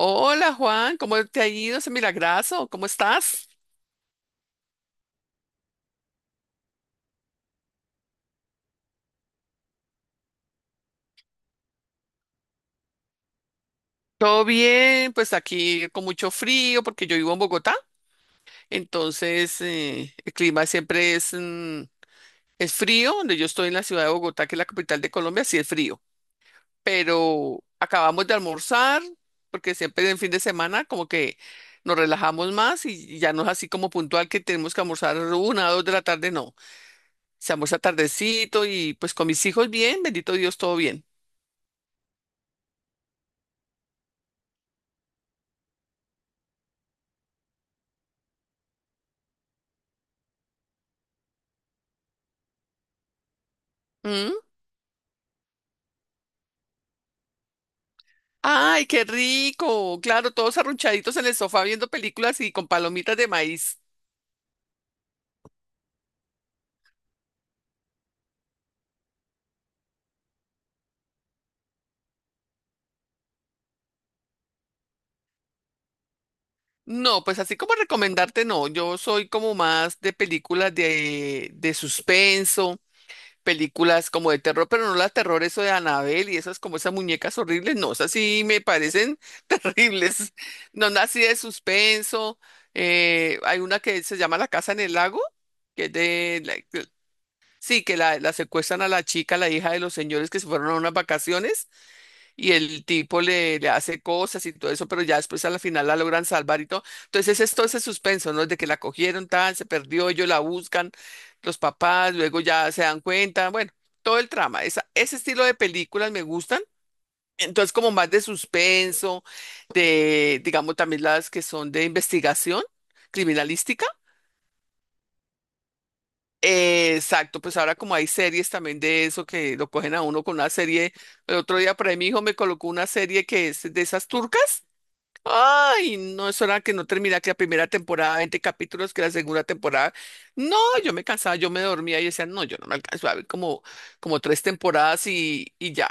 Hola Juan, ¿cómo te ha ido ese milagrazo? ¿Cómo estás? Todo bien, pues aquí con mucho frío porque yo vivo en Bogotá, entonces el clima siempre es, es frío, donde yo estoy en la ciudad de Bogotá, que es la capital de Colombia, sí es frío, pero acabamos de almorzar porque siempre en fin de semana como que nos relajamos más y ya no es así como puntual que tenemos que almorzar 1 o 2 de la tarde, no. Se almuerza tardecito y pues con mis hijos bien, bendito Dios, todo bien. ¿Mm? Ay, qué rico. Claro, todos arrunchaditos en el sofá viendo películas y con palomitas de maíz. No, pues así como recomendarte, no. Yo soy como más de películas de suspenso. Películas como de terror, pero no la terror, eso de Annabelle y esas como esas muñecas horribles, no, esas sí me parecen terribles. No, no, así de suspenso. Hay una que se llama La Casa en el Lago, que es de... la- que- sí, que la secuestran a la chica, la hija de los señores que se fueron a unas vacaciones y el tipo le hace cosas y todo eso, pero ya después a la final la logran salvar y todo. Entonces es todo ese suspenso, ¿no? De que la cogieron, tal, se perdió, ellos la buscan, los papás, luego ya se dan cuenta, bueno, todo el trama. Esa, ese estilo de películas me gustan. Entonces como más de suspenso, de, digamos, también las que son de investigación criminalística. Exacto, pues ahora como hay series también de eso que lo cogen a uno con una serie, el otro día por ahí mi hijo me colocó una serie que es de esas turcas. Ay, no, eso era que no terminara que la primera temporada, 20 capítulos, que la segunda temporada. No, yo me cansaba, yo me dormía y decía, no, yo no me alcanzo a ver como, como tres temporadas y ya.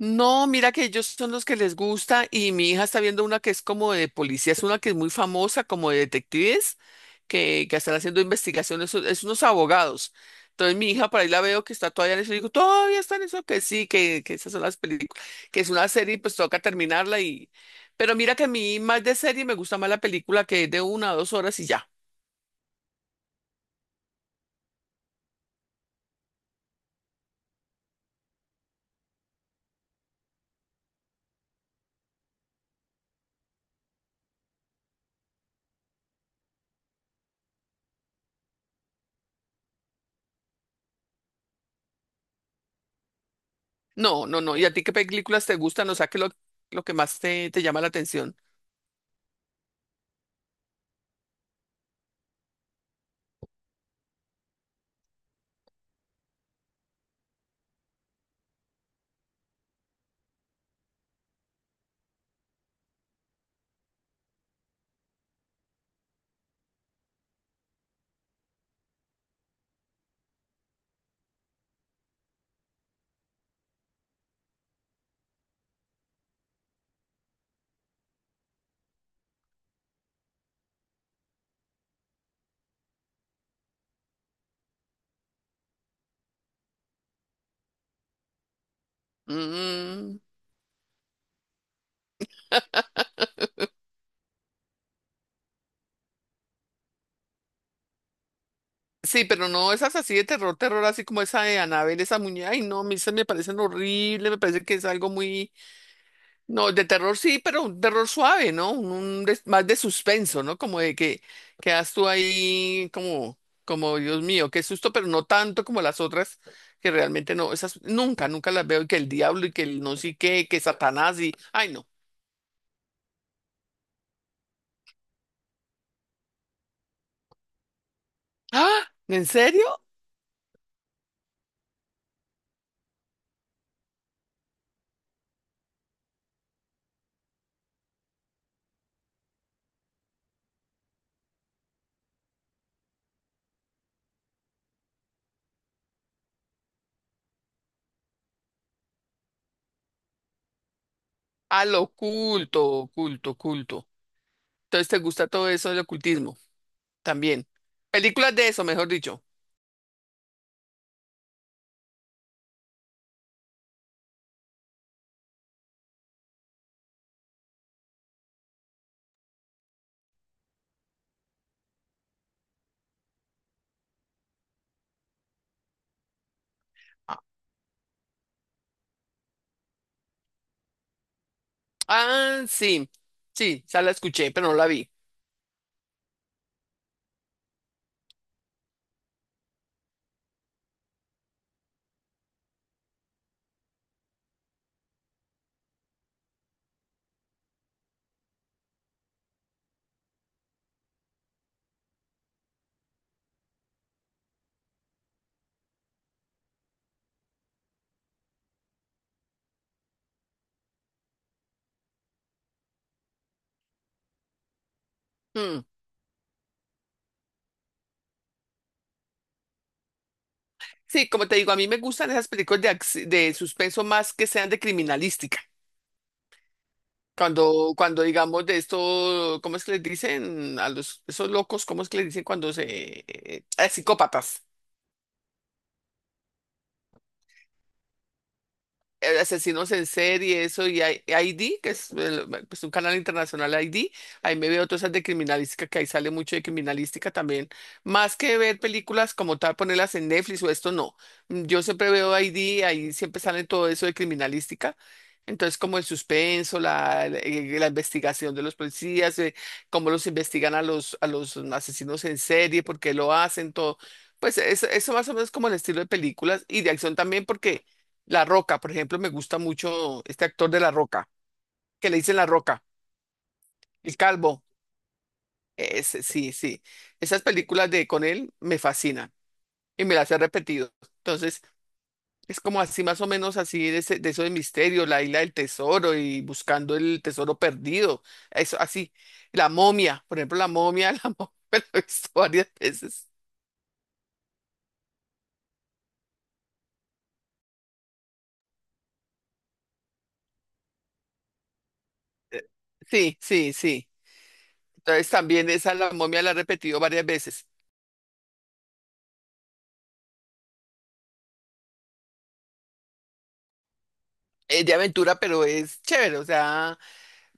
No, mira que ellos son los que les gusta y mi hija está viendo una que es como de policía, es una que es muy famosa como de detectives que están haciendo investigaciones, es unos abogados. Entonces mi hija para ahí la veo que está todavía en eso y digo, todavía está en eso, que sí, que esas son las películas, que es una serie y pues toca terminarla y... Pero mira que a mí más de serie me gusta más la película que es de 1 o 2 horas y ya. No, no, no. ¿Y a ti qué películas te gustan? O sea, ¿qué es lo que más te llama la atención? Mm. Sí, pero no esas así de terror, terror, así como esa de Annabelle, esa muñeca. Ay, no, a mí esas me parecen horribles, me parece que es algo muy. No, de terror sí, pero un terror suave, ¿no? Más de suspenso, ¿no? Como de que quedas tú ahí como, como Dios mío, qué susto, pero no tanto como las otras, que realmente no, esas nunca, nunca las veo, y que el diablo y que el no sé qué, que Satanás y. Ay, no. ¡Ah! ¿En serio? Al oculto, oculto, oculto. Entonces, ¿te gusta todo eso del ocultismo? También. Películas de eso, mejor dicho. Ah, sí. Sí, ya la escuché, pero no la vi. Mm. Sí, como te digo, a mí me gustan esas películas de, de suspenso más que sean de criminalística. Cuando, cuando digamos de esto, ¿cómo es que les dicen a los, esos locos? ¿Cómo es que les dicen cuando se, eh, psicópatas? Asesinos en serie, eso, y ID, que es pues, un canal internacional ID, ahí me veo todas esas de criminalística, que ahí sale mucho de criminalística también. Más que ver películas como tal, ponerlas en Netflix o esto, no. Yo siempre veo ID, ahí siempre sale todo eso de criminalística. Entonces, como el suspenso, la, la investigación de los policías, cómo los investigan a los asesinos en serie, por qué lo hacen, todo. Pues eso más o menos como el estilo de películas y de acción también, porque la Roca, por ejemplo, me gusta mucho este actor de La Roca, que le dicen La Roca, el calvo. Ese, sí, sí. Esas películas de con él me fascinan y me las he repetido. Entonces, es como así más o menos así de, de eso de misterio, la isla del tesoro y buscando el tesoro perdido. Eso así. La momia, por ejemplo, la momia, la momia me la he visto varias veces. Sí, sí, sí. Entonces también esa la momia la he repetido varias veces. Es de aventura, pero es chévere, o sea,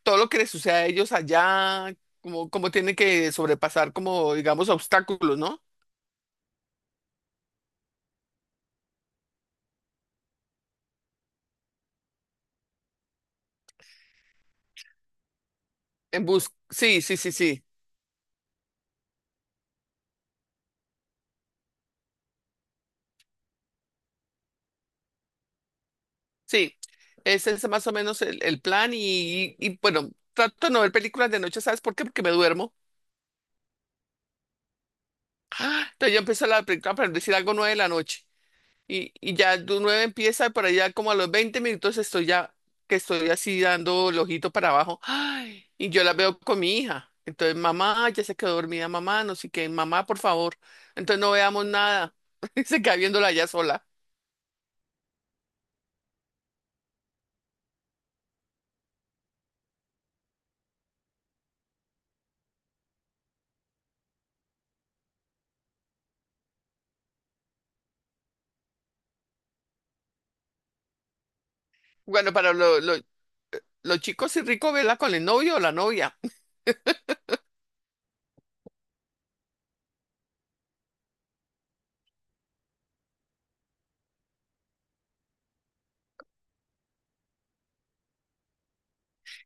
todo lo que les sucede a ellos allá, como, como tienen que sobrepasar, como digamos, obstáculos, ¿no? En bus, sí, sí, sí, sí, sí. Ese es más o menos el plan y, bueno, trato de no ver películas de noche, ¿sabes por qué? Porque me duermo. Ah, entonces yo empiezo la película para no decir algo 9 de la noche. Y ya de un 9 empieza, para allá como a los 20 minutos estoy ya, que estoy así dando el ojito para abajo. Ay, y yo la veo con mi hija. Entonces, mamá, ya se quedó dormida, mamá, no sé qué, mamá, por favor. Entonces no veamos nada. Y se queda viéndola ya sola. Bueno, para los chicos sí rico verla con el novio o la novia.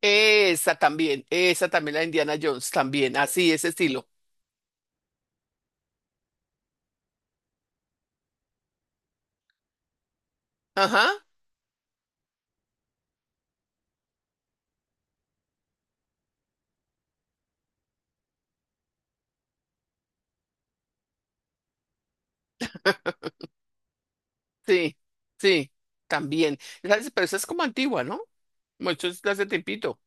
Esa también, la de Indiana Jones, también, así, ese estilo. Ajá, sí, sí, también. Esa es- Pero esa es como antigua, ¿no? Mucho es de hace tiempito.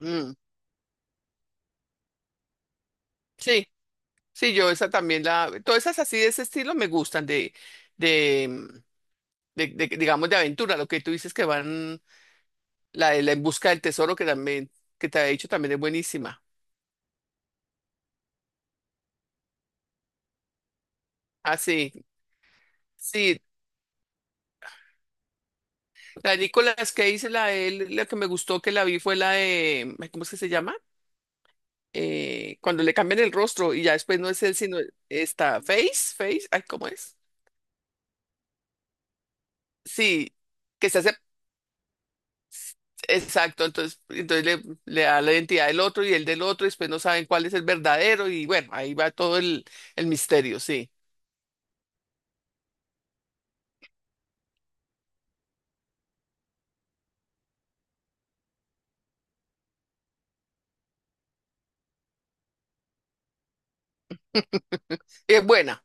Mm. Sí, sí, yo esa también la, todas esas así de ese estilo me gustan de, digamos, de aventura, lo que tú dices que van, la de la en busca del tesoro que también, que te ha dicho también es buenísima. Ah, sí, sí, la de Nicolas Cage, la de él, la que me gustó que la vi fue la de, ay, ¿cómo es que se llama? Cuando le cambian el rostro y ya después no es él, sino esta, Face, Face, ay, ¿cómo es? Sí, que se hace. Exacto, entonces, entonces le da la identidad del otro y el del otro, y después no saben cuál es el verdadero, y bueno, ahí va todo el misterio, sí. Es buena,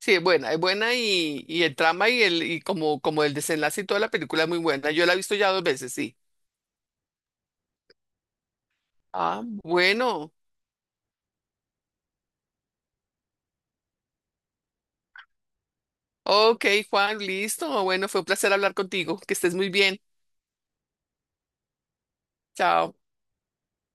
sí, es buena y el trama y el y como, como el desenlace y toda la película es muy buena. Yo la he visto ya dos veces, sí. Ah, bueno. Ok, Juan, listo. Bueno, fue un placer hablar contigo. Que estés muy bien. Chao.